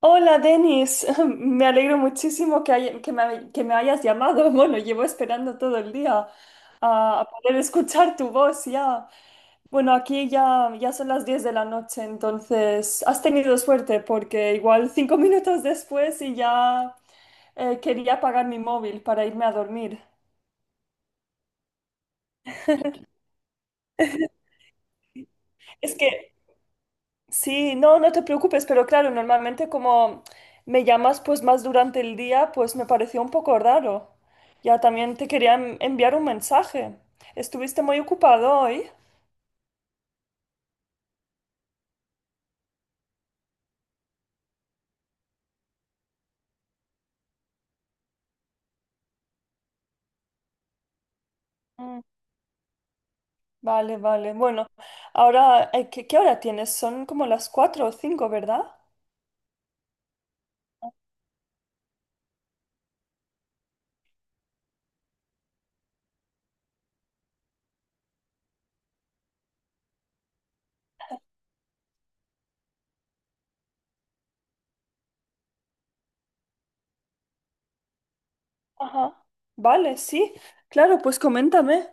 Hola, Denis. Me alegro muchísimo que, haya- que, me, hay- que me hayas llamado. Bueno, llevo esperando todo el día a poder escuchar tu voz ya. Bueno, aquí ya son las 10 de la noche, entonces has tenido suerte porque igual 5 minutos después y ya quería apagar mi móvil para irme a dormir. Es que sí, no te preocupes, pero claro, normalmente como me llamas pues más durante el día, pues me pareció un poco raro. Ya también te quería enviar un mensaje. ¿Estuviste muy ocupado hoy? Mm. Vale, vale. Bueno, ahora, qué hora tienes? Son como las 4 o 5, ¿verdad? Ajá. Vale, sí. Claro, pues coméntame.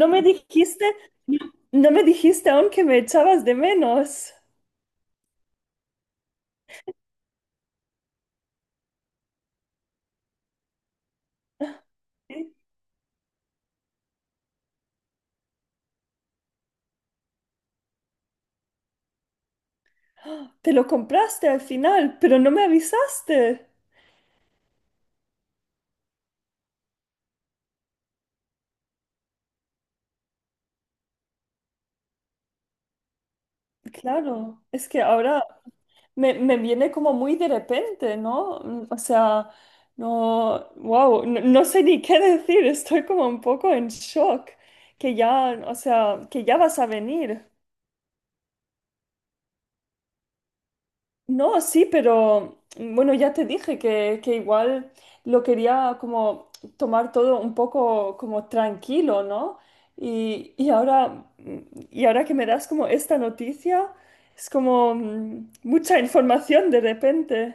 No me dijiste, no me dijiste aún que me echabas de menos. Sí. Te lo compraste al final, pero no me avisaste. Claro, es que ahora me viene como muy de repente, ¿no? O sea, no, wow, no sé ni qué decir, estoy como un poco en shock, que ya, o sea, que ya vas a venir. No, sí, pero bueno, ya te dije que igual lo quería como tomar todo un poco como tranquilo, ¿no? Y ahora, mm, y ahora que me das como esta noticia, es como mucha información de repente.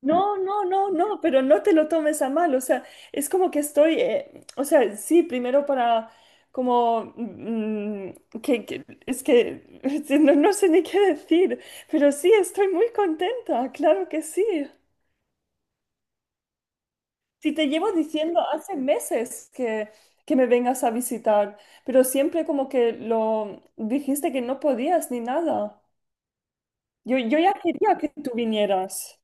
No, no, no, no, pero no te lo tomes a mal, o sea, es como que estoy, o sea, sí, primero para como, es que no sé ni qué decir, pero sí, estoy muy contenta, claro que sí. Si te llevo diciendo hace meses que me vengas a visitar, pero siempre como que lo dijiste que no podías ni nada. Yo ya quería que tú vinieras.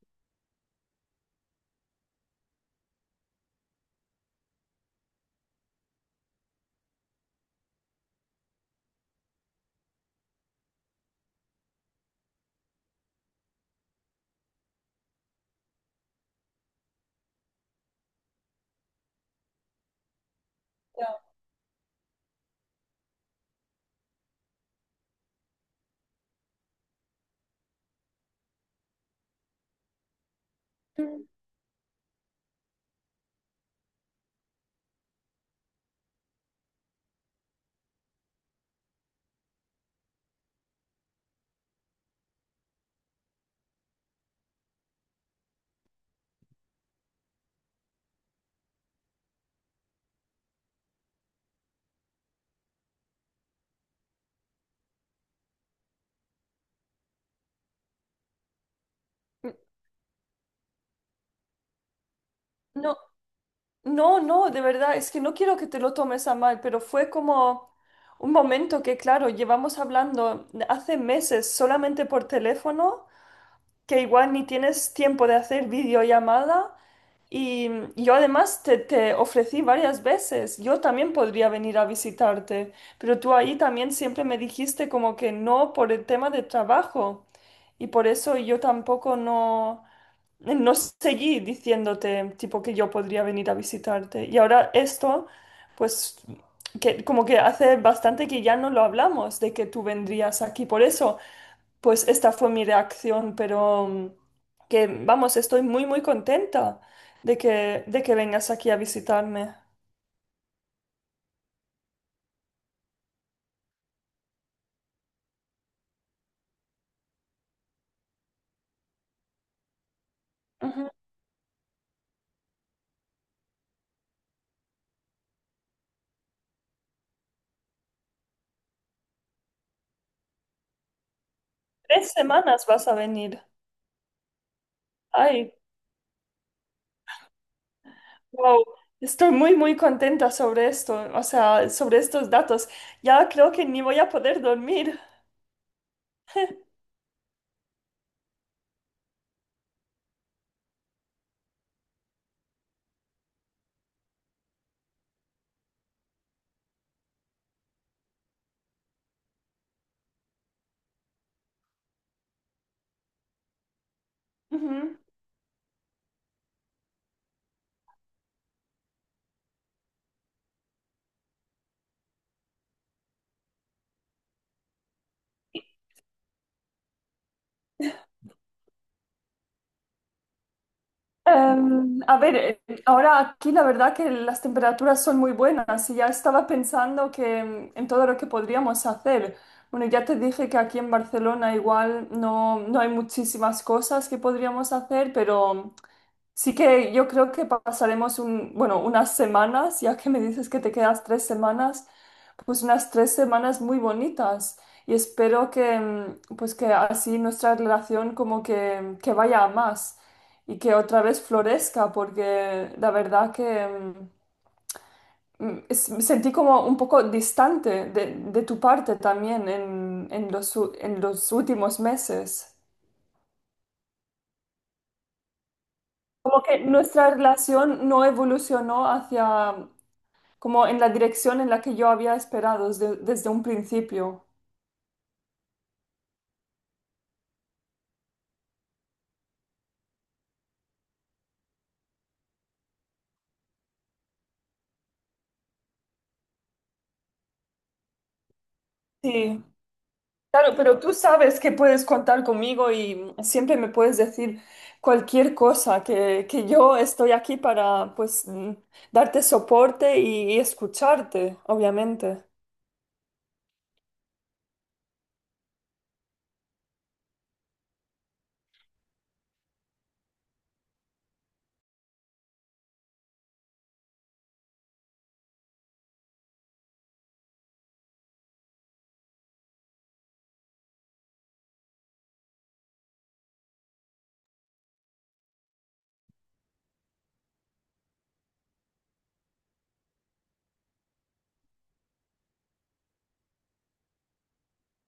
Ya. Mm, mm. No, no, no, de verdad, es que no quiero que te lo tomes a mal, pero fue como un momento que, claro, llevamos hablando hace meses solamente por teléfono, que igual ni tienes tiempo de hacer videollamada y y yo además te ofrecí varias veces, yo también podría venir a visitarte, pero tú ahí también siempre me dijiste como que no por el tema de trabajo y por eso yo tampoco no seguí diciéndote tipo que yo podría venir a visitarte. Y ahora esto, pues que como que hace bastante que ya no lo hablamos de que tú vendrías aquí. Por eso, pues esta fue mi reacción, pero que vamos, estoy muy muy contenta de que vengas aquí a visitarme. Ujú. 3 semanas vas a venir. Ay, wow. Estoy muy, muy contenta sobre esto, o sea, sobre estos datos. Ya creo que ni voy a poder dormir. Ujú. A ver, ahora aquí la verdad que las temperaturas son muy buenas y ya estaba pensando que en todo lo que podríamos hacer. Bueno, ya te dije que aquí en Barcelona igual no hay muchísimas cosas que podríamos hacer, pero sí que yo creo que pasaremos un, bueno, unas semanas, ya que me dices que te quedas 3 semanas, pues unas 3 semanas muy bonitas y espero que, pues que así nuestra relación como que vaya a más y que otra vez florezca, porque la verdad que me sentí como un poco distante de tu parte también en los, en los últimos meses. Como que nuestra relación no evolucionó hacia como en la dirección en la que yo había esperado desde un principio. Sí, claro, pero tú sabes que puedes contar conmigo y siempre me puedes decir cualquier cosa, que yo estoy aquí para, pues, darte soporte y escucharte, obviamente.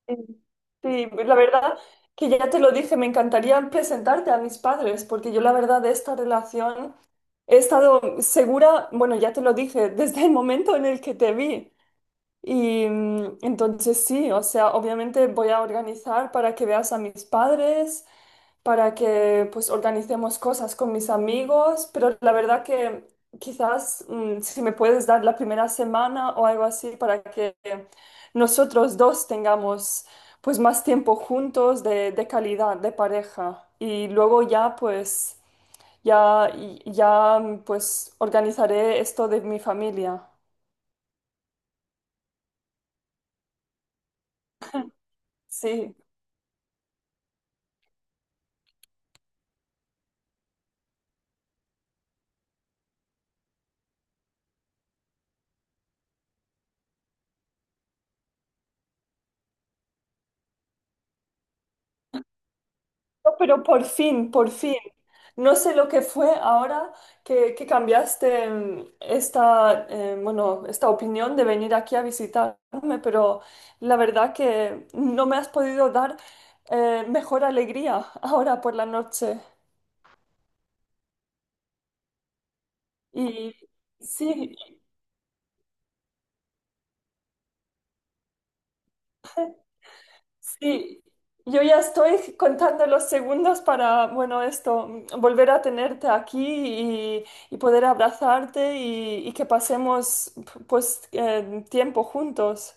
Sí. Sí, la verdad que ya te lo dije, me encantaría presentarte a mis padres, porque yo la verdad de esta relación he estado segura, bueno, ya te lo dije, desde el momento en el que te vi. Y entonces sí, o sea, obviamente voy a organizar para que veas a mis padres, para que pues organicemos cosas con mis amigos, pero la verdad que quizás si me puedes dar la primera semana o algo así para que nosotros dos tengamos pues más tiempo juntos de calidad, de pareja. Y luego ya pues ya, ya pues organizaré esto de mi familia. Sí. No, pero por fin, por fin. No sé lo que fue ahora que cambiaste esta, bueno, esta opinión de venir aquí a visitarme, pero la verdad que no me has podido dar mejor alegría ahora por la noche. Y sí. Sí, yo ya estoy contando los segundos para, bueno, esto, volver a tenerte aquí y poder abrazarte y que pasemos, pues, tiempo juntos.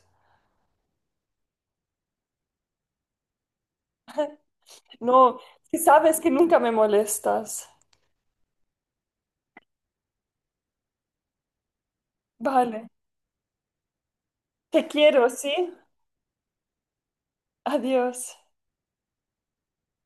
No, que sabes que nunca me molestas. Vale, te quiero, ¿sí? Adiós.